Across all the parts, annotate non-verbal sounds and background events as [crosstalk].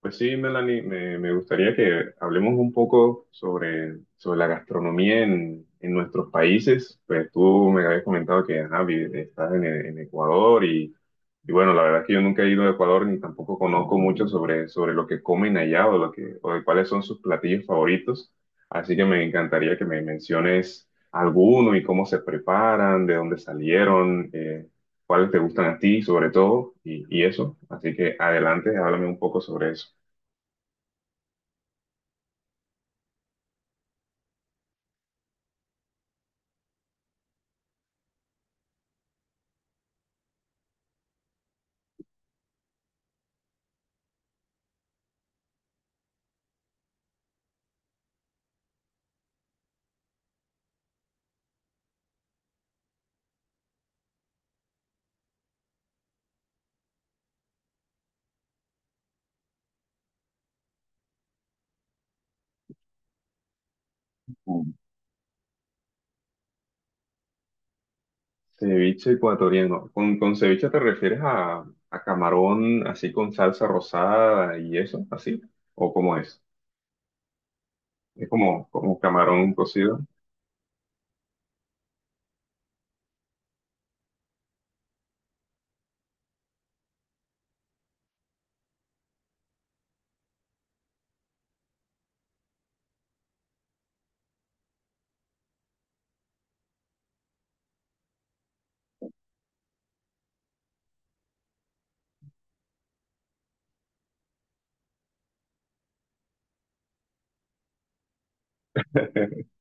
Pues sí, Melanie, me gustaría que hablemos un poco sobre la gastronomía en nuestros países. Pues tú me habías comentado que ajá, estás en Ecuador y bueno, la verdad es que yo nunca he ido a Ecuador ni tampoco conozco mucho sobre lo que comen allá o, lo que, o de cuáles son sus platillos favoritos. Así que me encantaría que me menciones alguno y cómo se preparan, de dónde salieron, cuáles te gustan a ti sobre todo y eso. Así que adelante, háblame un poco sobre eso. Mm. Ceviche ecuatoriano. ¿Con ceviche te refieres a camarón así con salsa rosada y eso, así? ¿O cómo es? Es como, como camarón cocido. [laughs]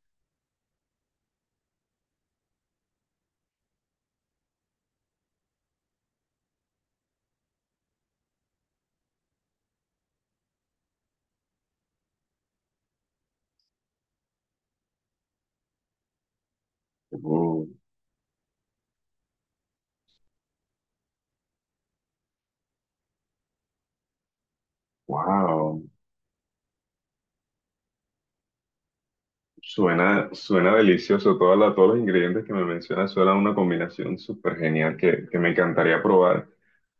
Oh, wow, suena, suena delicioso. Todos los ingredientes que me mencionas suenan una combinación súper genial que me encantaría probar.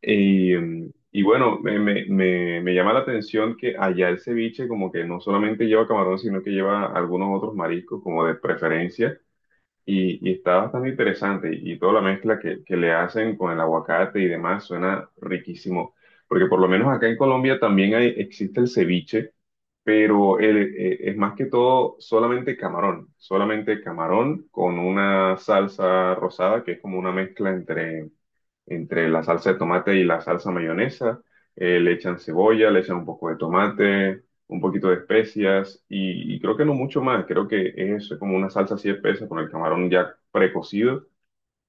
Y, y bueno, me llama la atención que allá el ceviche como que no solamente lleva camarón, sino que lleva algunos otros mariscos como de preferencia. Y está bastante interesante y toda la mezcla que le hacen con el aguacate y demás suena riquísimo, porque por lo menos acá en Colombia también hay, existe el ceviche, pero es más que todo solamente camarón con una salsa rosada que es como una mezcla entre entre la salsa de tomate y la salsa mayonesa. Le echan cebolla, le echan un poco de tomate, un poquito de especias y creo que no mucho más. Creo que es eso, es como una salsa así espesa con el camarón ya precocido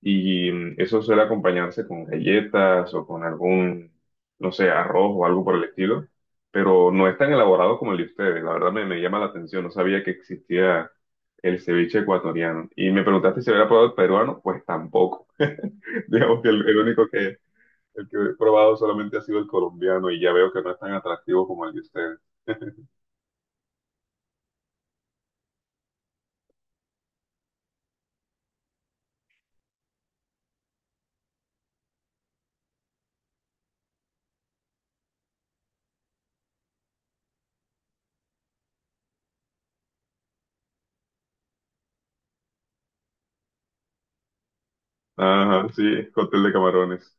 y eso suele acompañarse con galletas o con algún, no sé, arroz o algo por el estilo. Pero no es tan elaborado como el de ustedes. La verdad me llama la atención. No sabía que existía el ceviche ecuatoriano. Y me preguntaste si había probado el peruano. Pues tampoco. [laughs] Digamos que el único que, el que he probado solamente ha sido el colombiano y ya veo que no es tan atractivo como el de ustedes. Ajá, sí, cóctel de camarones.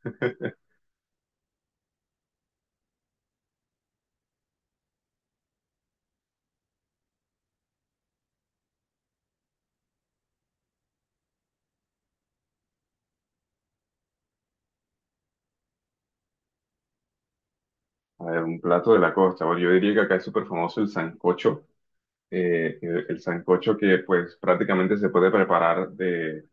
A ver, un plato de la costa. Bueno, yo diría que acá es súper famoso el sancocho. El el sancocho que pues prácticamente se puede preparar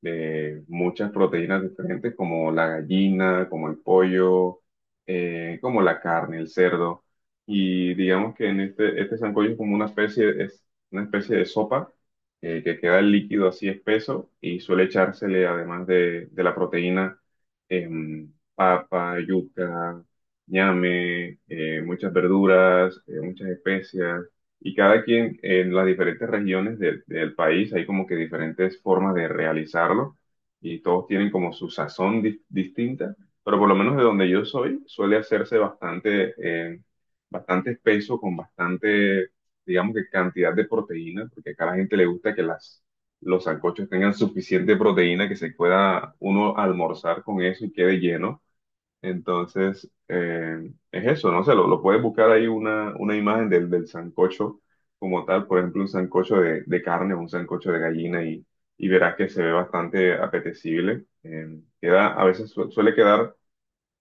de muchas proteínas diferentes como la gallina, como el pollo, como la carne, el cerdo. Y digamos que en este, este sancocho es como una especie, es una especie de sopa que queda el líquido así espeso y suele echársele además de la proteína papa, yuca, ñame, muchas verduras, muchas especias y cada quien en las diferentes regiones del, del país hay como que diferentes formas de realizarlo y todos tienen como su sazón distinta, pero por lo menos de donde yo soy suele hacerse bastante, eh, bastante espeso con bastante, digamos que cantidad de proteína, porque acá a la gente le gusta que las, los sancochos tengan suficiente proteína que se pueda uno almorzar con eso y quede lleno. Entonces, es eso, no sé, lo puedes buscar ahí una imagen del, del sancocho como tal, por ejemplo, un sancocho de carne o un sancocho de gallina y verás que se ve bastante apetecible. Queda, a veces suele quedar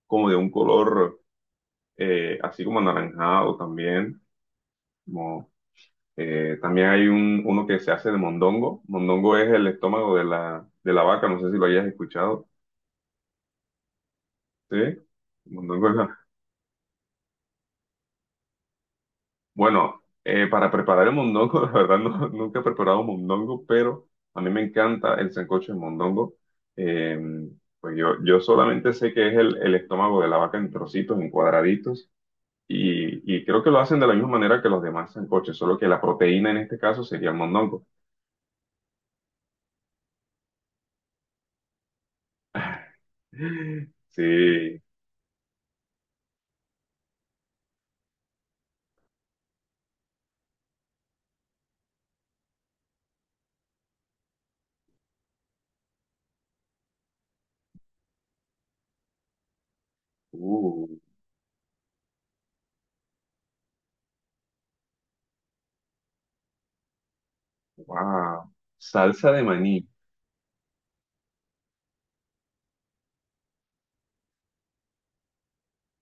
como de un color así como anaranjado también. Como, también hay un, uno que se hace de mondongo. Mondongo es el estómago de la vaca, no sé si lo hayas escuchado. ¿Sí? Mondongo es la- Bueno, para preparar el mondongo, [laughs] la verdad nunca he preparado mondongo, pero a mí me encanta el sancocho de mondongo. Eh, pues yo, yo solamente sé que es el estómago de la vaca en trocitos, en cuadraditos, y creo que lo hacen de la misma manera que los demás sancoches, solo que la proteína en este caso sería el mondongo. [laughs] Sí, uh, wow. Salsa de maní,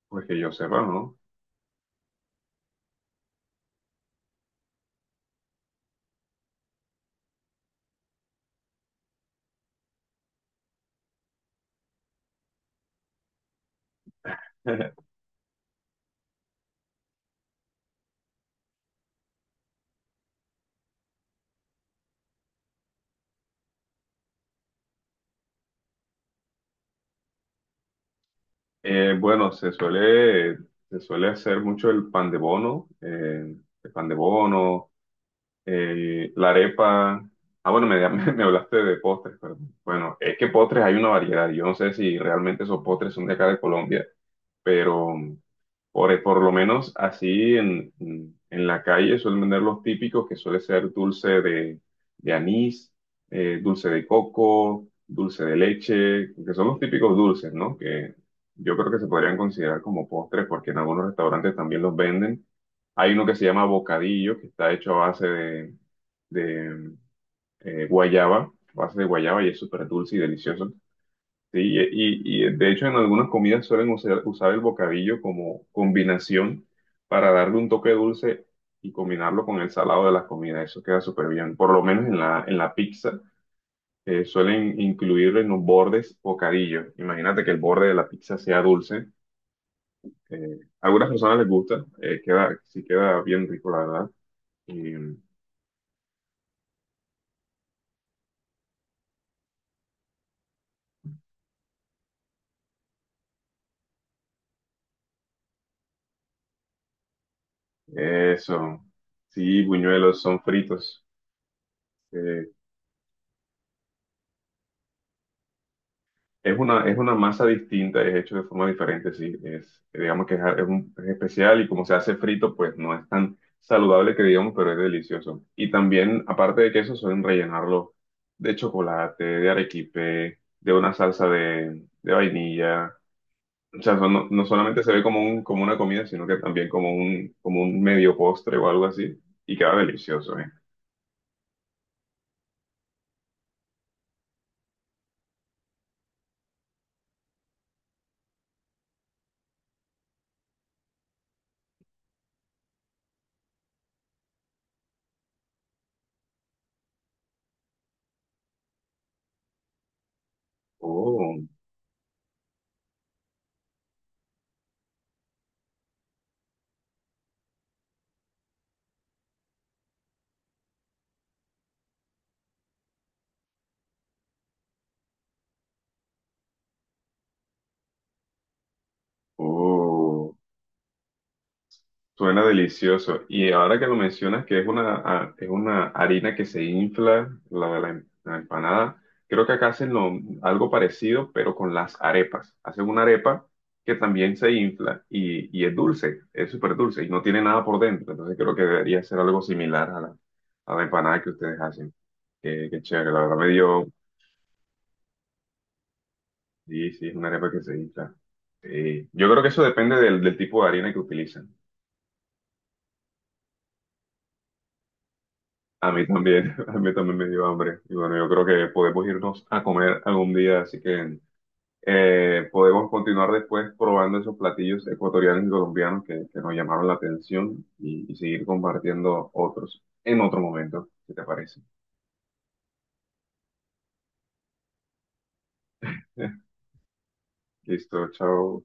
pues que yo sepa, ¿no? [laughs] Bueno, se suele hacer mucho el pan de bono, el pan de bono, la arepa. Ah, bueno, [laughs] me hablaste de postres, perdón. Bueno, es que postres hay una variedad. Yo no sé si realmente esos postres son de acá de Colombia pero por lo menos así en, en la calle suelen vender los típicos que suele ser dulce de anís, dulce de coco, dulce de leche, que son los típicos dulces, ¿no? Que yo creo que se podrían considerar como postres porque en algunos restaurantes también los venden. Hay uno que se llama bocadillo, que está hecho a base de, guayaba, a base de guayaba y es súper dulce y delicioso. Sí, y, y de hecho en algunas comidas suelen usar el bocadillo como combinación para darle un toque dulce y combinarlo con el salado de las comidas. Eso queda súper bien. Por lo menos en la pizza suelen incluir en los bordes bocadillo. Imagínate que el borde de la pizza sea dulce. A algunas personas les gusta, queda, sí queda bien rico, la verdad. Y eso, sí, buñuelos son fritos. Eh, es una masa distinta, es hecho de forma diferente, sí. Es, digamos que es, es especial y como se hace frito, pues no es tan saludable que digamos, pero es delicioso. Y también, aparte de queso, suelen rellenarlo de chocolate, de arequipe, de una salsa de vainilla. O sea, no, no solamente se ve como un, como una comida, sino que también como un medio postre o algo así. Y queda delicioso, ¿eh? Oh, oh. Suena delicioso. Y ahora que lo mencionas, que es una, es una harina que se infla, la de la, la empanada, creo que acá hacen algo parecido, pero con las arepas. Hacen una arepa que también se infla y es dulce, es súper dulce y no tiene nada por dentro. Entonces creo que debería ser algo similar a la empanada que ustedes hacen. Qué, qué chévere, la verdad me dio... Sí, sí, es una arepa que se infla. Sí. Yo creo que eso depende del, del tipo de harina que utilizan. A mí también, [laughs] a mí también me dio hambre. Y bueno, yo creo que podemos irnos a comer algún día, así que podemos continuar después probando esos platillos ecuatorianos y colombianos que nos llamaron la atención y seguir compartiendo otros en otro momento, si te parece. [laughs] Listo, chao.